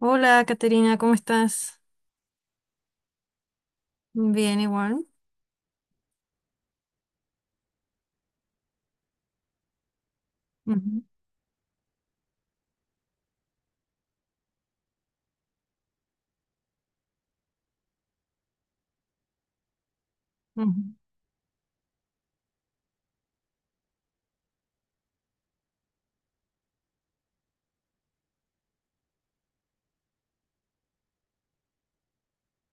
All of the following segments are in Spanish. Hola, Caterina, ¿cómo estás? Bien, igual. Ujú,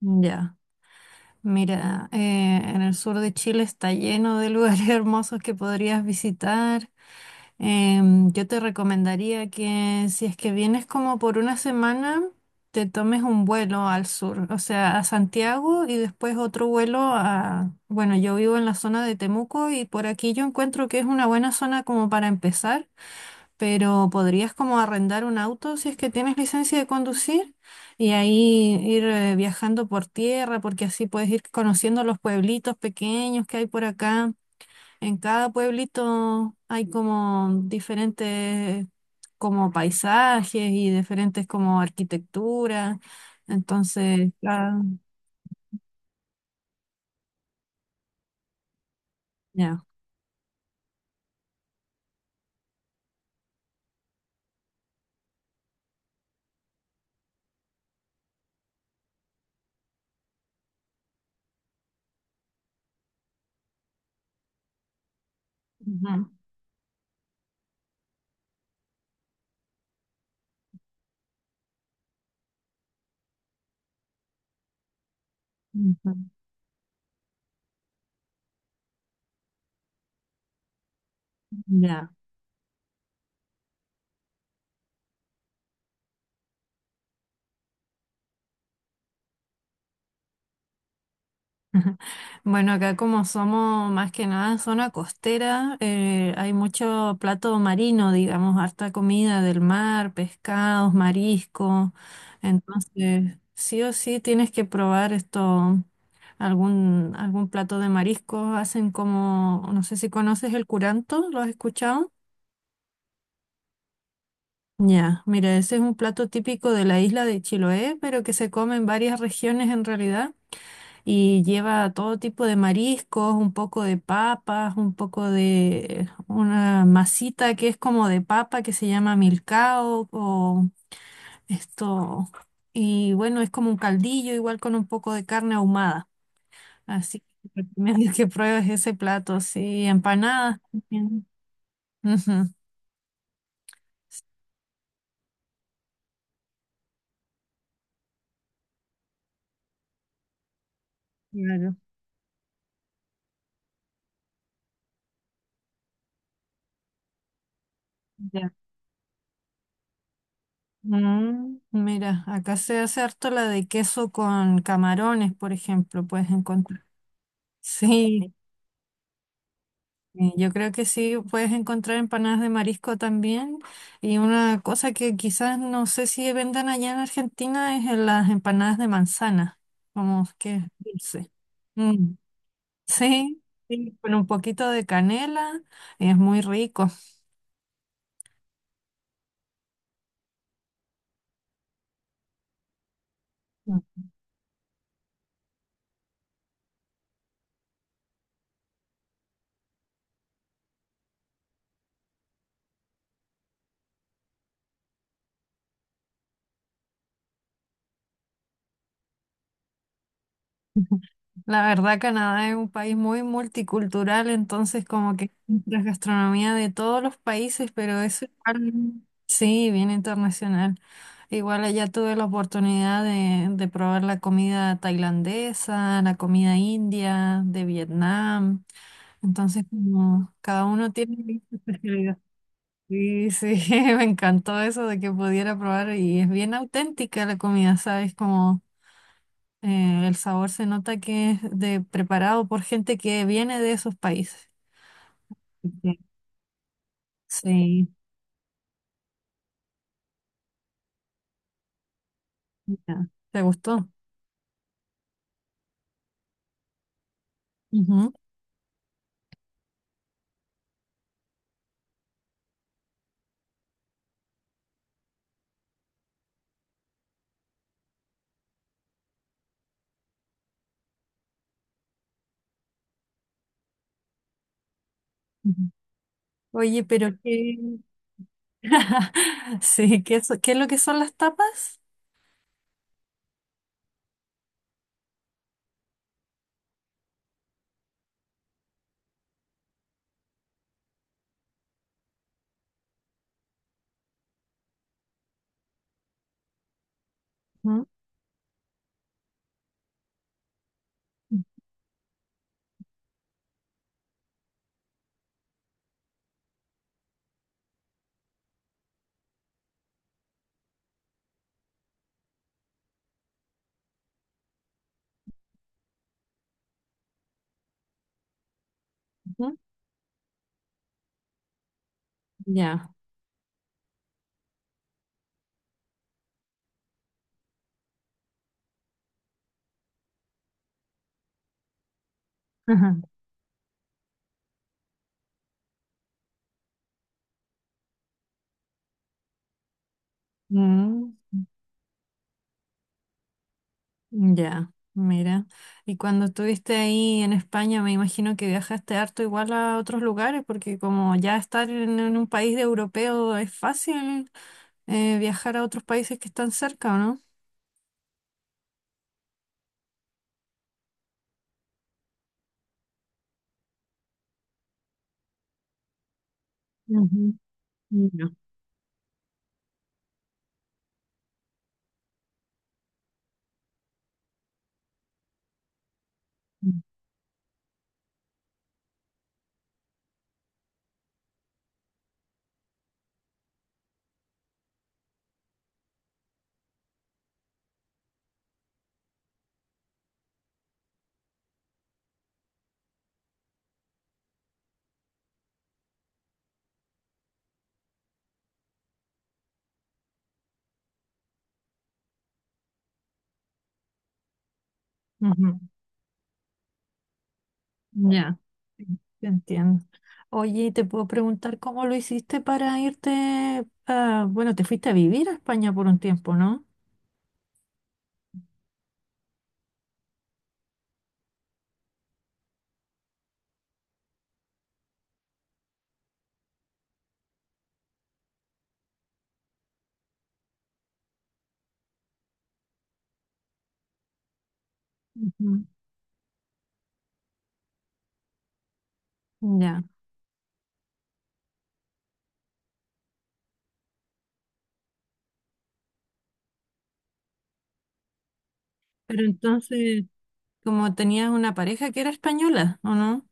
ujú. Ya. Mira, en el sur de Chile está lleno de lugares hermosos que podrías visitar. Yo te recomendaría que si es que vienes como por una semana, te tomes un vuelo al sur, o sea, a Santiago y después otro vuelo a... Bueno, yo vivo en la zona de Temuco y por aquí yo encuentro que es una buena zona como para empezar, pero podrías como arrendar un auto si es que tienes licencia de conducir y ahí ir viajando por tierra, porque así puedes ir conociendo los pueblitos pequeños que hay por acá. En cada pueblito hay como diferentes como paisajes y diferentes como arquitecturas. Entonces, ya. Ujú, ujú, ya. Bueno, acá como somos más que nada zona costera, hay mucho plato marino, digamos, harta comida del mar, pescados, mariscos. Entonces, sí o sí tienes que probar esto, algún plato de mariscos. Hacen como, no sé si conoces el curanto, ¿lo has escuchado? Ya, mira, ese es un plato típico de la isla de Chiloé, pero que se come en varias regiones en realidad. Y lleva todo tipo de mariscos, un poco de papas, un poco de una masita que es como de papa que se llama milcao o esto. Y bueno, es como un caldillo, igual con un poco de carne ahumada. Así que te recomiendo que pruebes ese plato, sí, empanadas también. Ujú, claro. Ya. Mm, mira, acá se hace harto la de queso con camarones, por ejemplo, puedes encontrar. Sí. Sí, yo creo que sí puedes encontrar empanadas de marisco también. Y una cosa que quizás no sé si vendan allá en Argentina es en las empanadas de manzana, como que es dulce. Mm, sí, sí, con un poquito de canela es muy rico. La verdad, Canadá es un país muy multicultural, entonces como que la gastronomía de todos los países, pero eso igual, sí, bien internacional. Igual allá tuve la oportunidad de probar la comida tailandesa, la comida india, de Vietnam. Entonces, como cada uno tiene su especialidad. Sí, sí, me encantó eso de que pudiera probar y es bien auténtica la comida, ¿sabes? Como el sabor se nota que es de preparado por gente que viene de esos países. Ok. Sí, ya. ¿Te gustó? Ujú, ujú. Oye, pero qué, sí, ¿qué, qué es lo que son las tapas? Ujú, ujú. Ya. Ajá. Mm. Ya, mira. Y cuando estuviste ahí en España, me imagino que viajaste harto igual a otros lugares, porque como ya estar en un país de europeo es fácil viajar a otros países que están cerca, ¿o no? Ujú, ya, ujú, ya, sí, te entiendo. Oye, te puedo preguntar cómo lo hiciste para irte, bueno, te fuiste a vivir a España por un tiempo, ¿no? Ujú, ya. Pero entonces, como tenías una pareja que era española, ¿o no?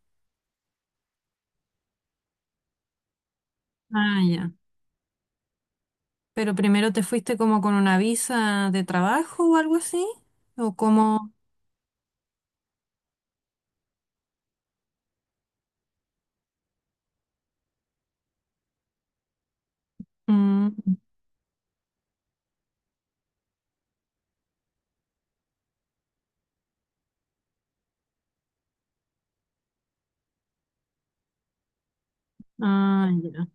Ah, ya. Pero primero te fuiste como con una visa de trabajo o algo así, o como... Mm, ah, ya.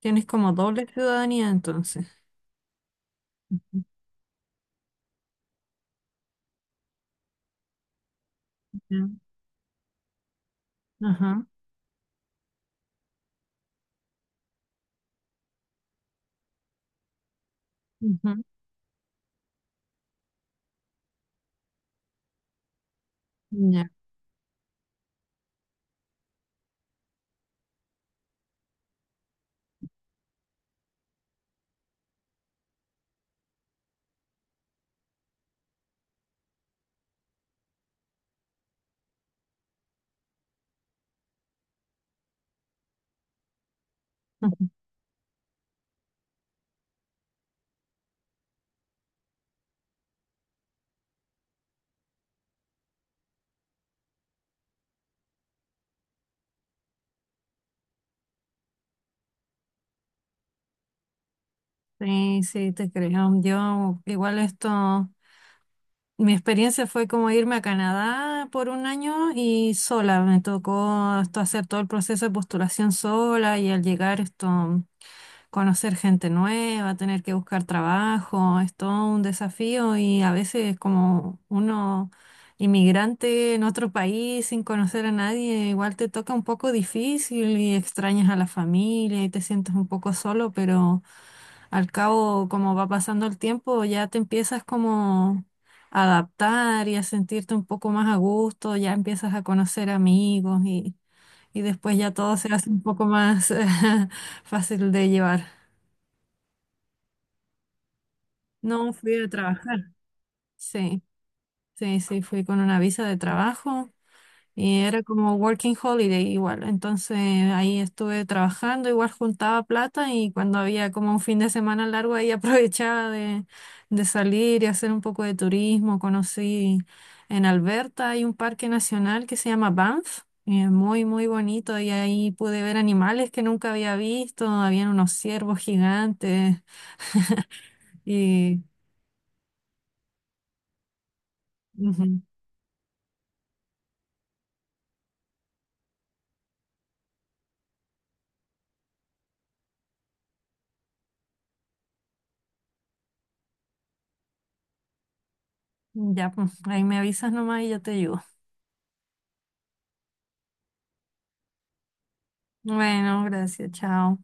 Tienes como doble ciudadanía entonces. Ujú, ya. Ajá. Ujú, ya. Ujú. Sí, sí, te creo. Yo igual esto... Mi experiencia fue como irme a Canadá por un año y sola. Me tocó esto hacer todo el proceso de postulación sola y al llegar esto... conocer gente nueva, tener que buscar trabajo, es todo un desafío y a veces como uno inmigrante en otro país sin conocer a nadie, igual te toca un poco difícil y extrañas a la familia y te sientes un poco solo, pero al cabo como va pasando el tiempo ya te empiezas como a adaptar y a sentirte un poco más a gusto, ya empiezas a conocer amigos y después ya todo se hace un poco más fácil de llevar. No, fui a trabajar. Sí, sí, sí, fui con una visa de trabajo y era como working holiday igual. Entonces ahí estuve trabajando, igual juntaba plata y cuando había como un fin de semana largo ahí aprovechaba de salir y hacer un poco de turismo. Conocí en Alberta, hay un parque nacional que se llama Banff. Y es muy, muy bonito y ahí pude ver animales que nunca había visto. Habían unos ciervos gigantes y... Ya, pues, ahí me avisas nomás y yo te ayudo. Bueno, gracias, chao.